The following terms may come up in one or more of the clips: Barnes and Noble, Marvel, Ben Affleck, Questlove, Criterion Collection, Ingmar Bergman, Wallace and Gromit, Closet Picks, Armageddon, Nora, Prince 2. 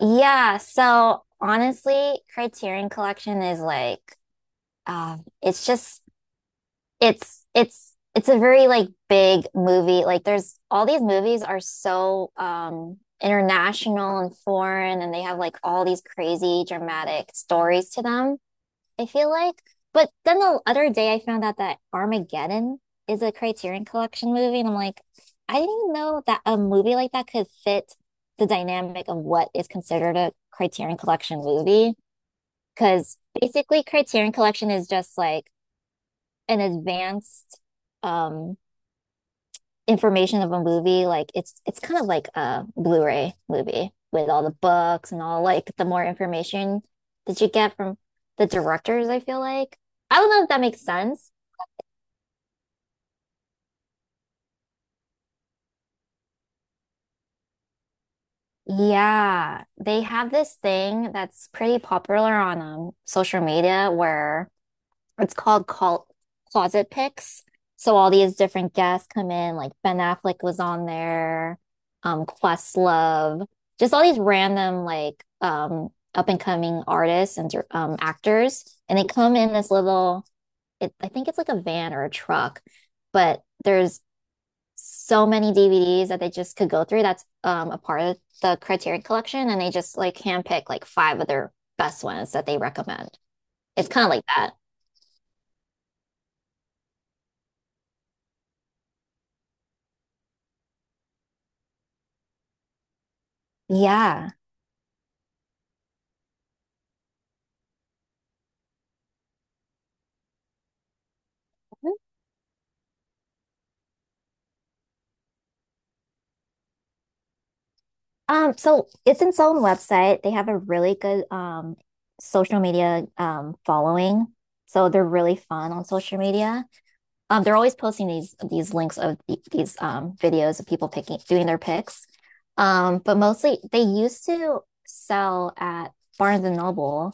Yeah, so honestly, Criterion Collection is like it's just it's a very like big movie. Like there's all these movies are so international and foreign, and they have like all these crazy dramatic stories to them. I feel like. But then the other day I found out that Armageddon is a Criterion Collection movie, and I'm like, I didn't even know that a movie like that could fit the dynamic of what is considered a Criterion Collection movie. Because basically, Criterion Collection is just like an advanced um information of a movie, like it's kind of like a Blu-ray movie with all the books and all like the more information that you get from the directors, I feel like. I don't know if that makes sense. Yeah, they have this thing that's pretty popular on social media where it's called Closet Picks. So all these different guests come in, like Ben Affleck was on there, Questlove, just all these random like up and coming artists and actors, and they come in this little. It, I think it's like a van or a truck, but there's so many DVDs that they just could go through. That's a part of the Criterion Collection, and they just like handpick like five of their best ones that they recommend. It's kind of like that. Yeah. So it's its own website. They have a really good social media following. So they're really fun on social media. They're always posting these links of the, these videos of people picking doing their picks. But mostly they used to sell at Barnes and Noble.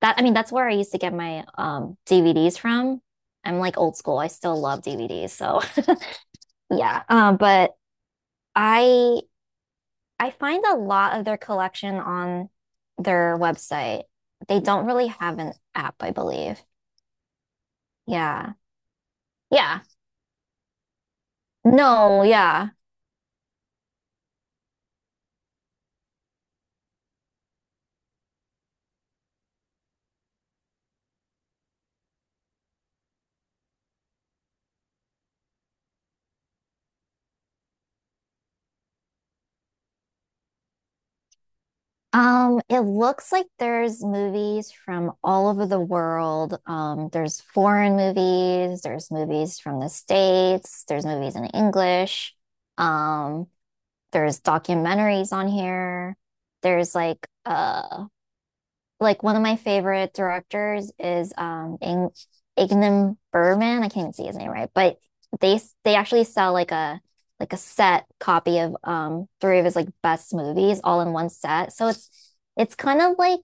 That I mean, that's where I used to get my DVDs from. I'm like old school. I still love DVDs. So yeah. But I I find a lot of their collection on their website. They don't really have an app, I believe. Yeah. Yeah. No, yeah. It looks like there's movies from all over the world. There's foreign movies, there's movies from the States, there's movies in English. Um, there's documentaries on here. There's like one of my favorite directors is Ingmar Bergman. I can't even see his name right, but they actually sell like a set copy of three of his like best movies all in one set. So it's kind of like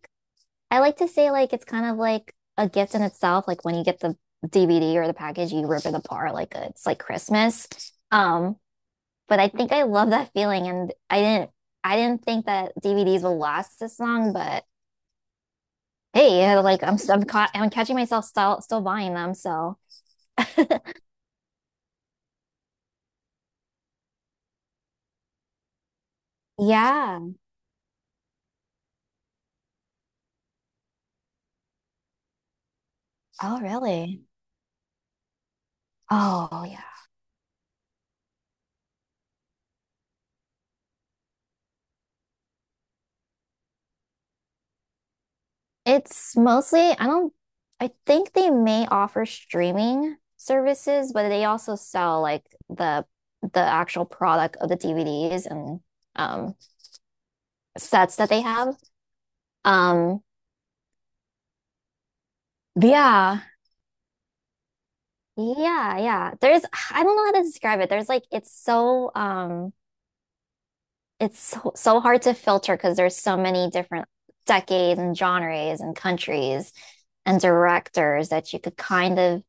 I like to say like it's kind of like a gift in itself. Like when you get the DVD or the package, you rip it apart like it's like Christmas. Um, but I think I love that feeling, and I didn't think that DVDs will last this long, but hey, yeah, like I'm, I I'm caught, I'm catching myself still buying them. So yeah. Oh, really? Oh, yeah. It's mostly, I don't, I think they may offer streaming services, but they also sell like the actual product of the DVDs and um sets that they have. Um, but yeah, yeah, yeah. There's, I don't know how to describe it. There's like, it's so it's so hard to filter because there's so many different decades and genres and countries and directors that you could kind of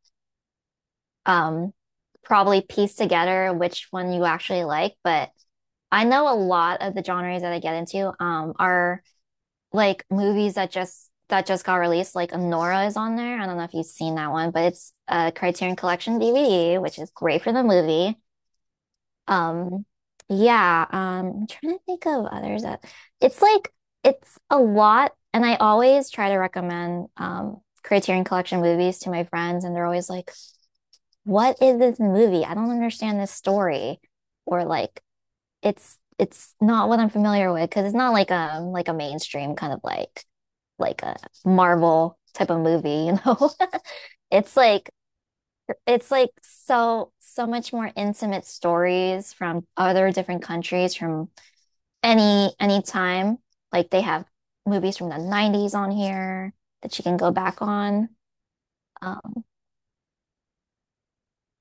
um, probably piece together which one you actually like. But I know a lot of the genres that I get into are like movies that just got released. Like Nora is on there. I don't know if you've seen that one, but it's a Criterion Collection DVD, which is great for the movie. Um, yeah, I'm trying to think of others that it's like it's a lot, and I always try to recommend Criterion Collection movies to my friends, and they're always like, "What is this movie? I don't understand this story," or like, "It's not what I'm familiar with," because it's not like like a mainstream kind of like a Marvel type of movie, you know? It's like it's like so much more intimate stories from other different countries from any time. Like they have movies from the 90s on here that you can go back on. Um,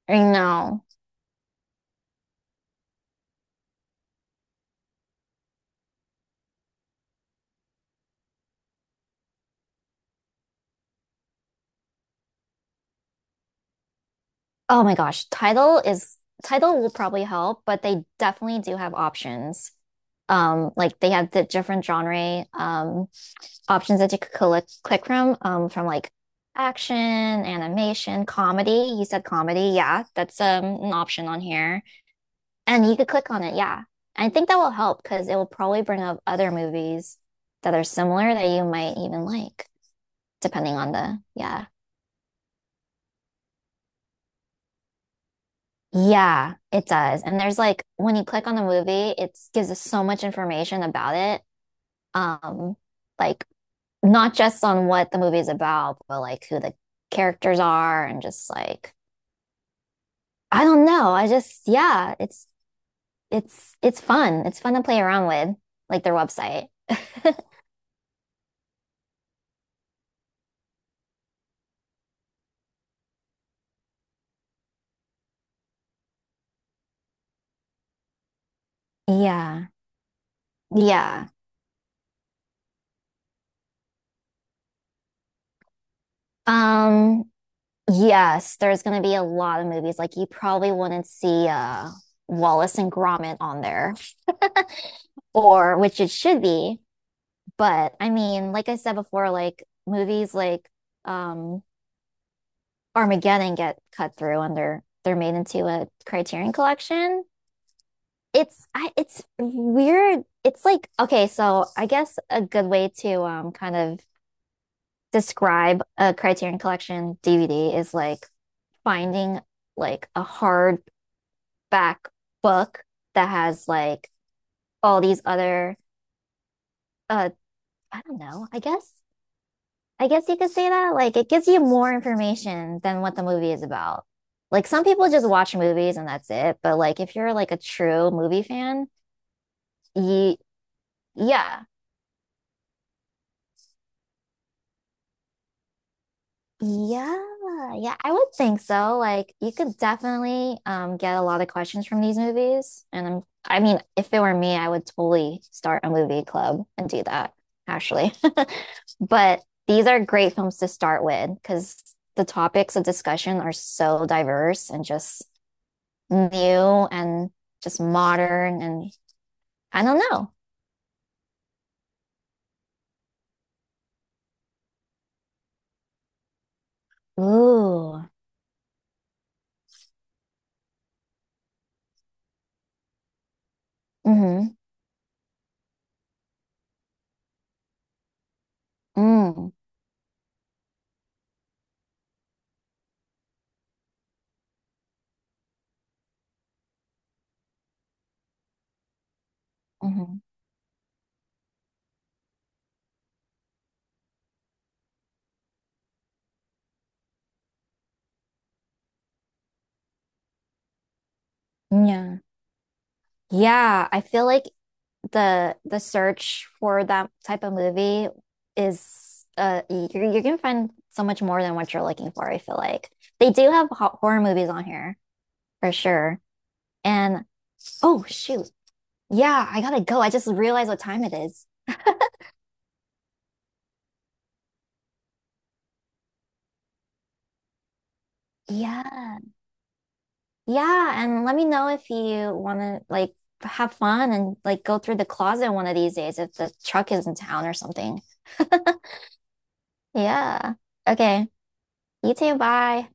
I know. Oh my gosh, title will probably help, but they definitely do have options. Like they have the different genre options that you could click from like action, animation, comedy. You said comedy, yeah, that's an option on here. And you could click on it, yeah. I think that will help because it will probably bring up other movies that are similar that you might even like, depending on the, yeah. Yeah, it does. And there's like when you click on the movie, it gives us so much information about it. Um, like not just on what the movie is about, but like who the characters are and just like I don't know. I just yeah, it's fun. It's fun to play around with, like their website. Yeah. Yeah. Um, yes, there's going to be a lot of movies. Like you probably wouldn't see Wallace and Gromit on there, or which it should be. But I mean, like I said before, like movies like um Armageddon get cut through, and they're made into a Criterion collection. It's I it's weird. It's like okay, so I guess a good way to kind of describe a Criterion collection DVD is like finding like a hard back book that has like all these other uh I don't know. I guess you could say that like it gives you more information than what the movie is about. Like some people just watch movies and that's it, but like if you're like a true movie fan, you yeah, yeah, yeah, I would think so. Like you could definitely get a lot of questions from these movies. And I mean, if it were me, I would totally start a movie club and do that, actually. But these are great films to start with because the topics of discussion are so diverse and just new and just modern and I don't know. Ooh. Mm-hmm. Mm. Mm-hmm. Yeah. Yeah, I feel like the search for that type of movie is you can find so much more than what you're looking for, I feel like. They do have horror movies on here for sure. And oh shoot. Yeah, I gotta go. I just realized what time it is. Yeah. Yeah, and let me know if you wanna like have fun and like go through the closet one of these days if the truck is in town or something. Yeah. Okay. You too. Bye.